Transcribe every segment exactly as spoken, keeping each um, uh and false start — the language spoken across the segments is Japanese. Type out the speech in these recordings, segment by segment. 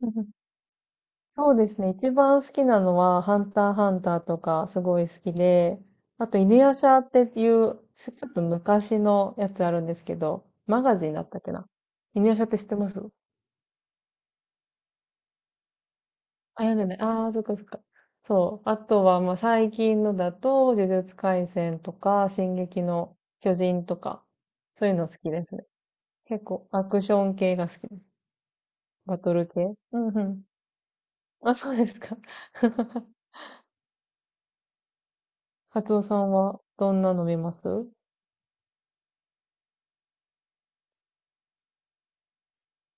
うんうんそうですね。一番好きなのは、ハンターハンターとか、すごい好きで、あと、犬夜叉っていう、ちょちょっと昔のやつあるんですけど、マガジンだったっけな。犬夜叉って知ってます？あ、読んでない。ああ、そっかそっか。そう。あとは、まあ、最近のだと、呪術廻戦とか、進撃の巨人とか、そういうの好きですね。結構、アクション系が好きです。バトル系。うんうん。あ、そうですか。カツオさんは、どんなの見ます？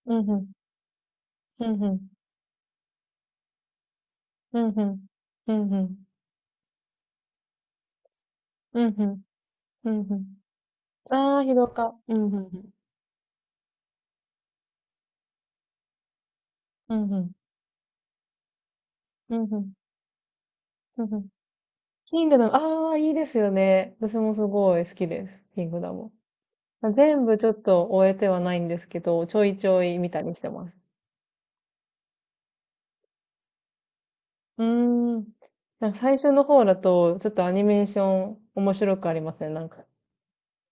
うんふん。うんふん。うんふん。うんふん。うんふん。うんふん。ああ、疲労か。うんふんふん。うんふん。うんふん。うんふん。キングダム、ああ、いいですよね。私もすごい好きです。キングダム。全部ちょっと終えてはないんですけど、ちょいちょい見たりしてます。うーん。なんか最初の方だと、ちょっとアニメーション面白くありますね。なんか、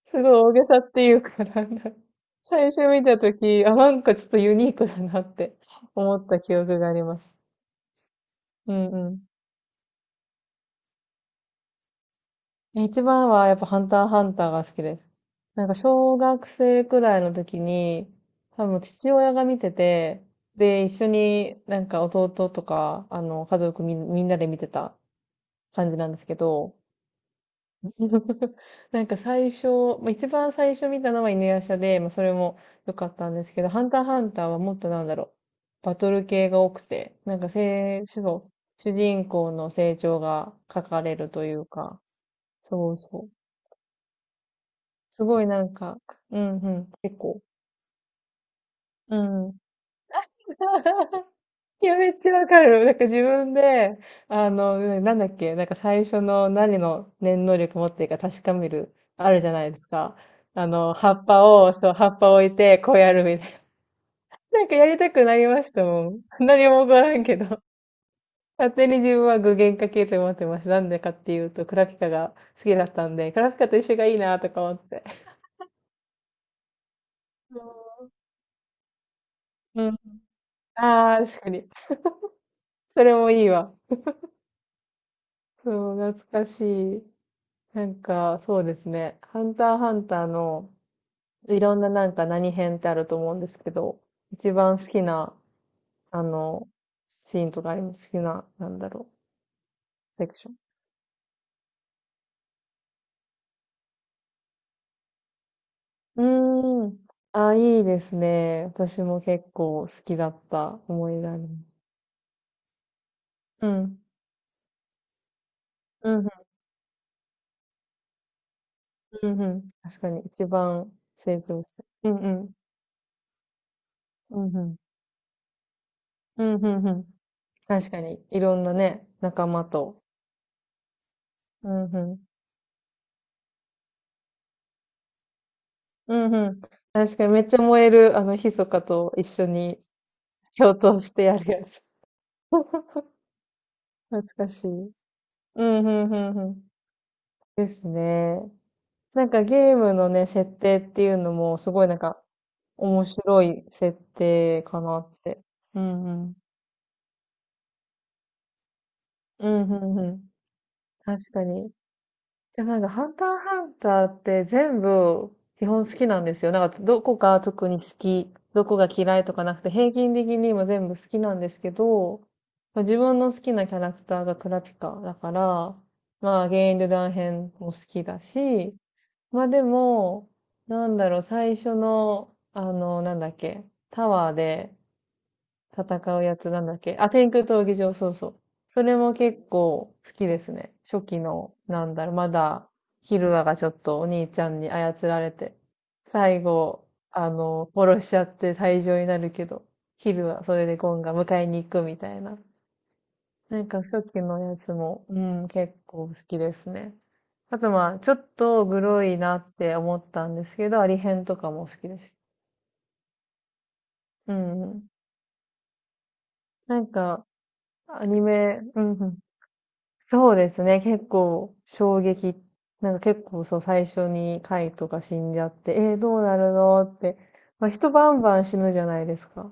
すごい大げさっていうか、なんだろう。最初見たとき、あ、なんかちょっとユニークだなって思った記憶があります。うんうん。え一番はやっぱハンターハンターが好きです。なんか小学生くらいの時に、多分父親が見てて、で、一緒になんか弟とか、あの、家族みん、みんなで見てた感じなんですけど、なんか最初、まあ、一番最初見たのは犬夜叉で、まあ、それも良かったんですけど、ハンターハンターはもっとなんだろう、バトル系が多くて、なんかせい主の主人公の成長が書かれるというか、そうそう。すごいなんか、うんうん、結構、うん。いや、めっちゃわかる。なんか自分で、あの、ねなんだっけ、なんか最初の何の念能力持ってるか確かめる、あるじゃないですか。あの、葉っぱを、そう、葉っぱ置いて、こうやるみたいな。なんかやりたくなりましたもん。何も起こらんけど。勝手に自分は具現化系と思ってました。なんでかっていうと、クラピカが好きだったんで、クラピカと一緒がいいなとか思って。うん。ああ、確かに。それもいいわ。そう、懐かしい。なんか、そうですね。ハンターハンターの、いろんななんか何編ってあると思うんですけど、一番好きな、あの、シーンとかあります？好きな、なんだろう、セクション。うーん。あ、いいですね。私も結構好きだった思い出あります。うん。うんうん。うんうん。確かに、一番成長して。うんうん。うんうん。うんうんうん。確かに、いろんなね、仲間と。うんうん。うんうん。確かにめっちゃ燃える、あの、密かと一緒に共闘してやるやつ。懐かしい。うん、うん、うん、うん。ですね。なんかゲームのね、設定っていうのも、すごいなんか、面白い設定かなって。うん、うん。うん、うん、うん。確かに。でもなんか、ハンターハンターって全部基本好きなんですよ。なんか、どこが特に好き、どこが嫌いとかなくて、平均的に今全部好きなんですけど、まあ、自分の好きなキャラクターがクラピカだから、まあ、ゲインルダン編も好きだし、まあでも、なんだろう、最初の、あの、なんだっけ、タワーで、戦うやつなんだっけ？あ、天空闘技場、そうそう。それも結構好きですね。初期の、なんだろう、まだ、ヒルアがちょっとお兄ちゃんに操られて、最後、あの、殺しちゃって退場になるけど、ヒルア、それでゴンが迎えに行くみたいな。なんか初期のやつも、うん、結構好きですね。あとまあ、ちょっとグロいなって思ったんですけど、アリ編とかも好きです。うんうん。なんか、アニメ、うんうん、そうですね。結構衝撃。なんか結構そう最初に貝とか死んじゃって、えー、どうなるのって。まあ、人バンバン死ぬじゃないですか。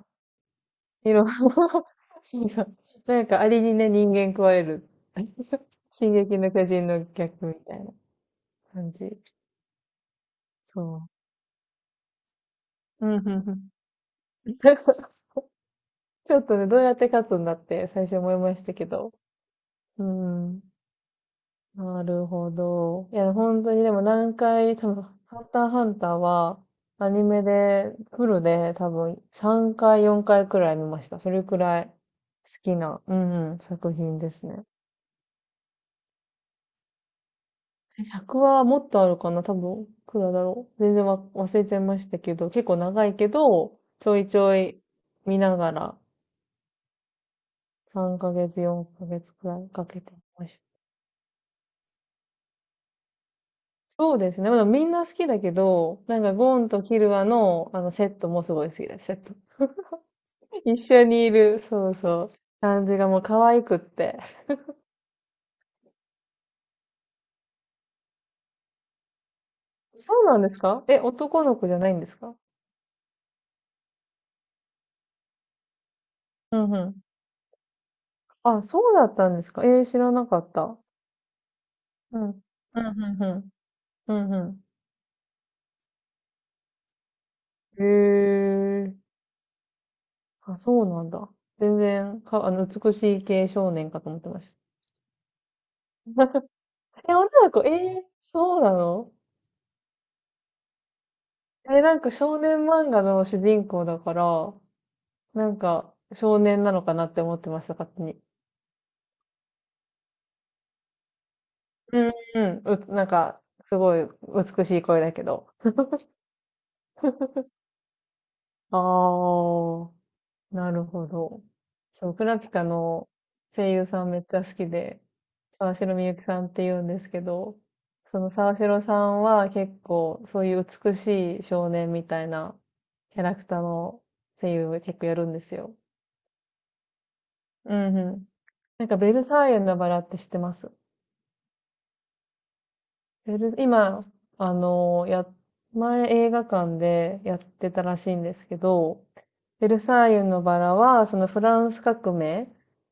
いろんな そうそう、なんかアリにね、人間食われる。進撃の巨人の逆みたいな感じ。そう。うん、うん、うん。ちょっとね、どうやって勝つんだって最初思いましたけど。うん。なるほど。いや、本当にでも何回、多分、ハンターハンターは、アニメで、フルで多分さんかい、よんかいくらい見ました。それくらい好きな、うんうん、作品ですね。えひゃくはもっとあるかな？多分、いくらだろう。全然わ忘れちゃいましたけど、結構長いけど、ちょいちょい見ながら、さんかげつ、よんかげつくらいかけてました。そうですね。まあ、みんな好きだけど、なんかゴンとキルアのあのセットもすごい好きです、セット。一緒にいる、そうそう、感じがもう可愛くって。そうなんですか？え、男の子じゃないんですか？うんうん。あ、そうだったんですか？えー、知らなかった。うん。うんうんうん。うんうん。へえ。あ、そうなんだ。全然、か、あの、美しい系少年かと思ってました。え、女の子、えー、そうなの？え、なんか少年漫画の主人公だから、なんか、少年なのかなって思ってました、勝手に。うんうん、う、なんか、すごい美しい声だけど。ああ、なるほど。そう、クラピカの声優さんめっちゃ好きで、沢城みゆきさんって言うんですけど、その沢城さんは結構そういう美しい少年みたいなキャラクターの声優を結構やるんですよ。うんうん。なんかベルサイユのバラって知ってます？ベル今、あの、や、前映画館でやってたらしいんですけど、ベルサイユのバラは、そのフランス革命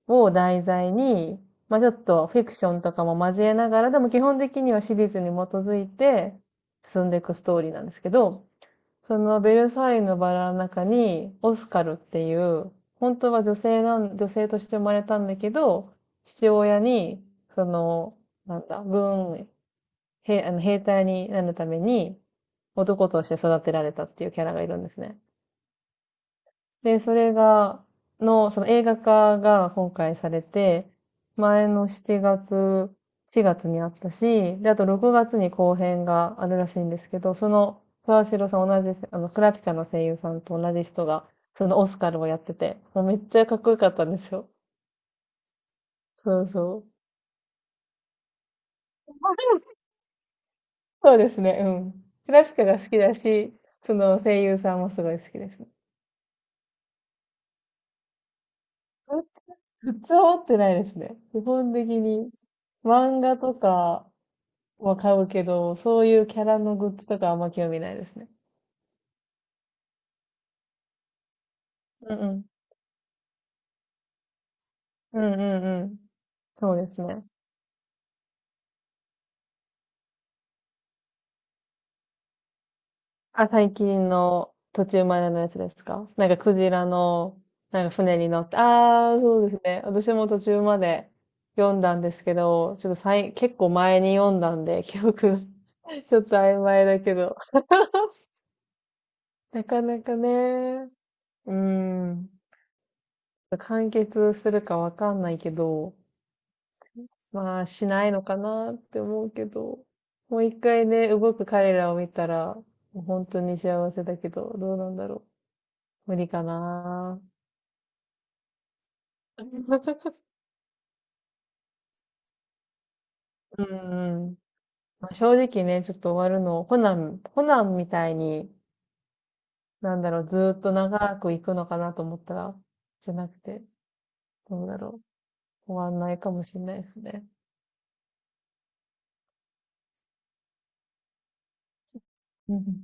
を題材に、まあちょっとフィクションとかも交えながら、でも基本的にはシリーズに基づいて進んでいくストーリーなんですけど、そのベルサイユのバラの中に、オスカルっていう、本当は女性なん、女性として生まれたんだけど、父親に、その、なんだ、文へ、あの、兵隊になるために男として育てられたっていうキャラがいるんですね。で、それが、の、その映画化が今回されて、前のしちがつ、しがつにあったし、で、あとろくがつに後編があるらしいんですけど、その、沢城さん同じです、あの、クラピカの声優さんと同じ人が、そのオスカルをやってて、もうめっちゃかっこよかったんですよ。そうそう。そうですね、うん。クラピカが好きだし、その声優さんもすごい好きですね。グッズ持ってないですね。基本的に漫画とかは買うけど、そういうキャラのグッズとかあんま興味ないですね。うんうん。うんうんうん。そうですね。あ、最近の途中までのやつですか？なんかクジラの、なんか船に乗って、ああ、そうですね。私も途中まで読んだんですけど、ちょっとさい、結構前に読んだんで、記憶が ちょっと曖昧だけど。なかなかね。うーん。完結するかわかんないけど、まあしないのかなって思うけど、もう一回ね、動く彼らを見たら、もう本当に幸せだけど、どうなんだろう。無理かな。うんうん。まあ、正直ね、ちょっと終わるの、コナン、コナンみたいに、なんだろう、ずーっと長く行くのかなと思ったら、じゃなくて、どうだろう。終わんないかもしれないですね。うんうん